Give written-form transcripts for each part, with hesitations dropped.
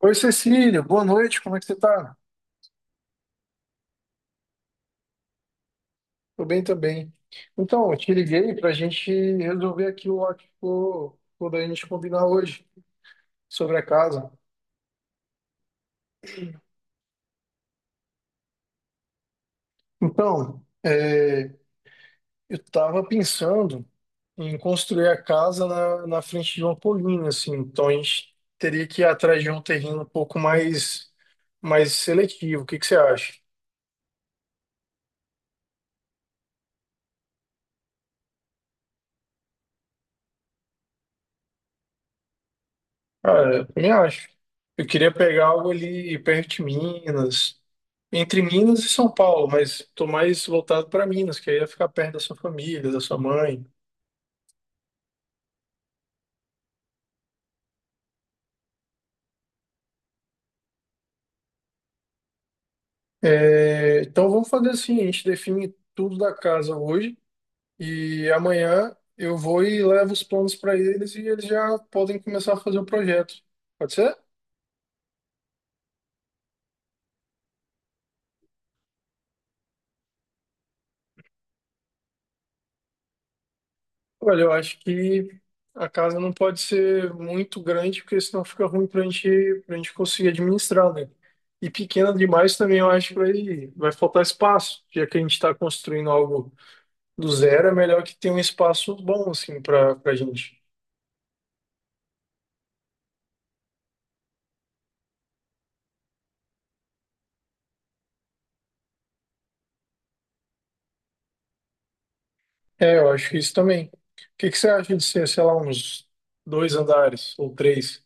Oi, Cecília, boa noite, como é que você tá? Tô bem também. Então, eu te liguei pra gente resolver aquilo lá que ficou da gente combinar hoje, sobre a casa. Então, eu tava pensando em construir a casa na frente de uma colina, assim, então a gente teria que ir atrás de um terreno um pouco mais seletivo. O que que você acha? Cara, eu também acho. Eu queria pegar algo ali perto de Minas, entre Minas e São Paulo, mas tô mais voltado para Minas, que aí ia ficar perto da sua família, da sua mãe. É, então vamos fazer assim: a gente define tudo da casa hoje e amanhã eu vou e levo os planos para eles e eles já podem começar a fazer o projeto. Pode ser? Olha, eu acho que a casa não pode ser muito grande, porque senão fica ruim para a gente, para gente conseguir administrar, né? E pequena demais também eu acho que vai faltar espaço, já que a gente está construindo algo do zero. É melhor que tenha um espaço bom, assim, para gente. É, eu acho que isso também. O que que você acha de ser, sei lá, uns dois andares ou três?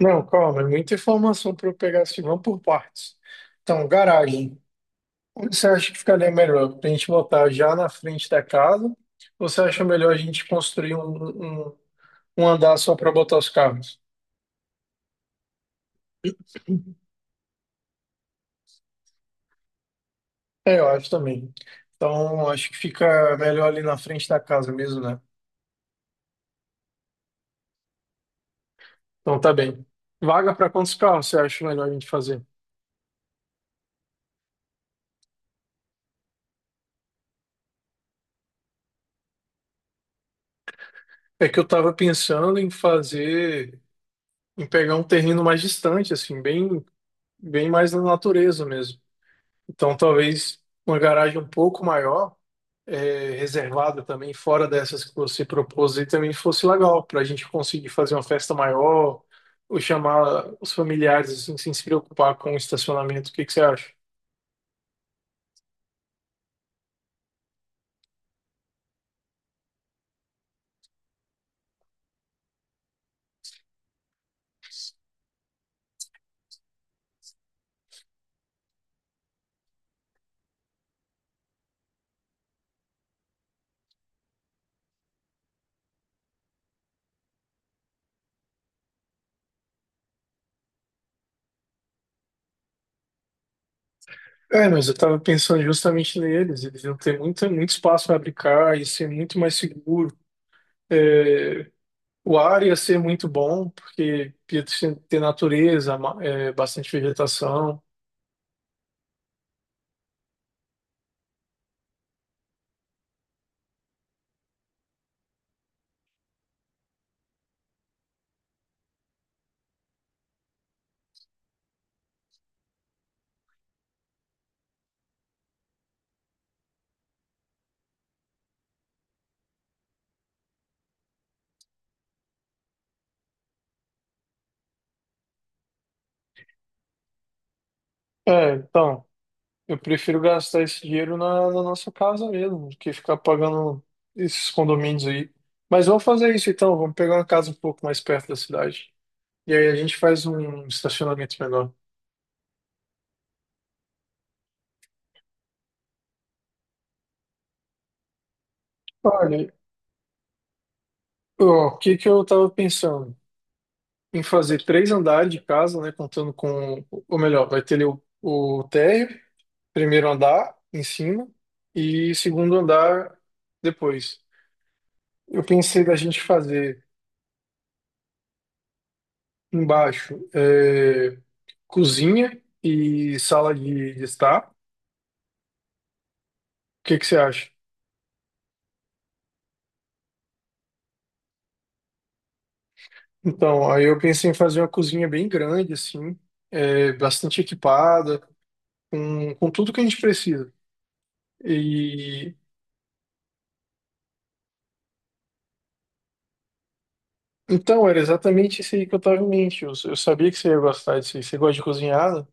Não, calma, é muita informação para eu pegar assim, vamos por partes. Então, garagem. Onde você acha que ficaria melhor? Para a gente botar já na frente da casa? Ou você acha melhor a gente construir um andar só para botar os carros? É, eu acho também. Então, acho que fica melhor ali na frente da casa mesmo, né? Então, tá bem. Vaga para quantos carros você acha melhor a gente fazer? É que eu estava pensando em fazer, em pegar um terreno mais distante, assim, bem mais na natureza mesmo. Então, talvez uma garagem um pouco maior. É, reservada também, fora dessas que você propôs, aí também fosse legal, para a gente conseguir fazer uma festa maior, ou chamar os familiares, assim, sem se preocupar com o estacionamento. O que que você acha? É, mas eu estava pensando justamente neles, eles iam ter muito espaço para brincar, ia ser muito mais seguro. É, o ar ia ser muito bom, porque ia ter natureza, é, bastante vegetação. É, então. Eu prefiro gastar esse dinheiro na nossa casa mesmo, do que ficar pagando esses condomínios aí. Mas vamos fazer isso então, vamos pegar uma casa um pouco mais perto da cidade. E aí a gente faz um estacionamento menor. Olha, ó, o que que eu tava pensando? Em fazer três andares de casa, né? Contando com, ou melhor, vai ter ali o térreo, primeiro andar em cima e segundo andar depois. Eu pensei da gente fazer embaixo cozinha e sala de estar. O que que você acha? Então, aí eu pensei em fazer uma cozinha bem grande, assim, é, bastante equipada, com tudo que a gente precisa. E então, era exatamente isso aí que eu estava em mente. Eu sabia que você ia gostar disso aí. Você gosta de cozinhar, né?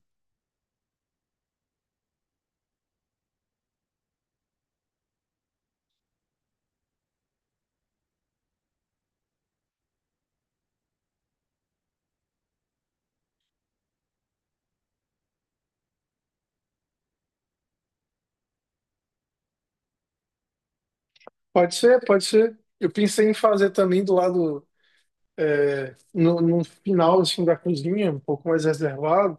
Pode ser, pode ser. Eu pensei em fazer também do lado, no final, assim, da cozinha, um pouco mais reservado,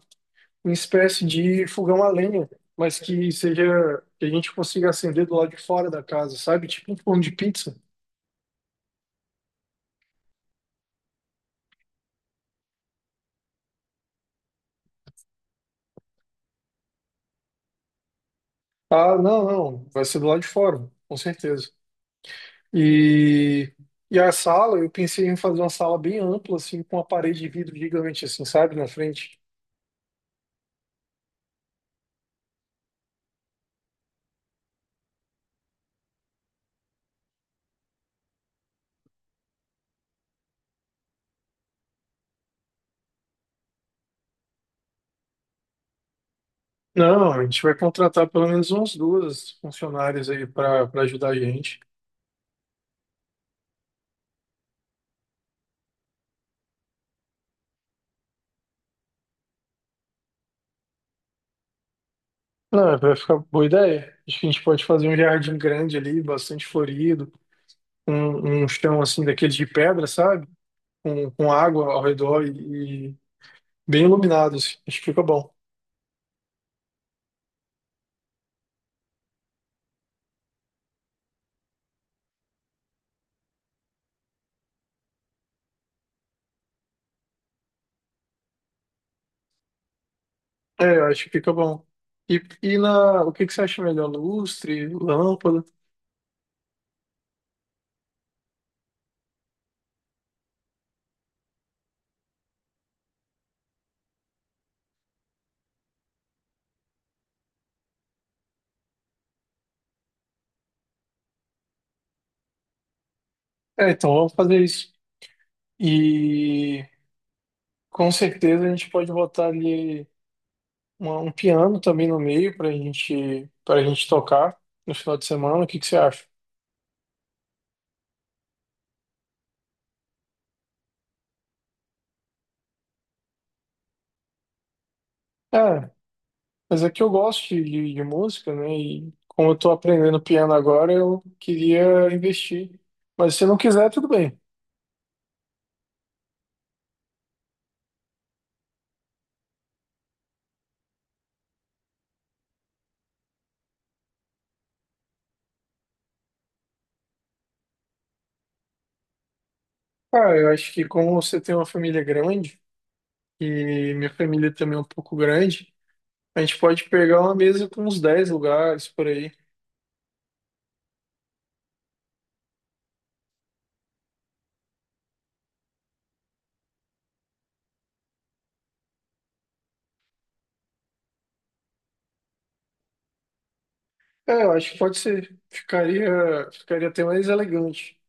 uma espécie de fogão a lenha, mas que seja que a gente consiga acender do lado de fora da casa, sabe? Tipo um forno de pizza. Ah, não, não, vai ser do lado de fora, com certeza. E a sala, eu pensei em fazer uma sala bem ampla assim, com uma parede de vidro gigante assim, sabe, na frente. Não, a gente vai contratar pelo menos umas duas funcionárias aí para ajudar a gente. Não, vai ficar boa ideia. Acho que a gente pode fazer um jardim grande ali, bastante florido, um chão assim daquele de pedra, sabe? Com água ao redor e bem iluminados. Acho que fica bom. É, eu acho que fica bom. O que que você acha melhor? Lustre, lâmpada? É, então vamos fazer isso. E com certeza a gente pode botar ali um piano também no meio para gente tocar no final de semana. O que que você acha? É, mas é que eu gosto de música, né? E como eu tô aprendendo piano agora, eu queria investir. Mas se não quiser, tudo bem. Cara, eu acho que como você tem uma família grande, e minha família também é um pouco grande, a gente pode pegar uma mesa com uns 10 lugares por aí. É, eu acho que pode ser. Ficaria, ficaria até mais elegante.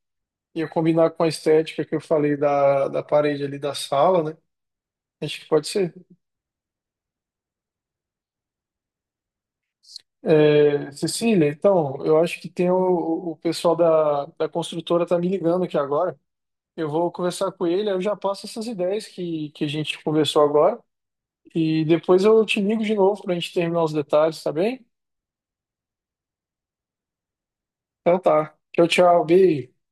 Ia combinar com a estética que eu falei da parede ali da sala, né? Acho que pode ser. É, Cecília, então, eu acho que tem o pessoal da construtora tá me ligando aqui agora. Eu vou conversar com ele, aí eu já passo essas ideias que a gente conversou agora. E depois eu te ligo de novo pra gente terminar os detalhes, tá bem? Então tá. Tchau, tchau. Beijo.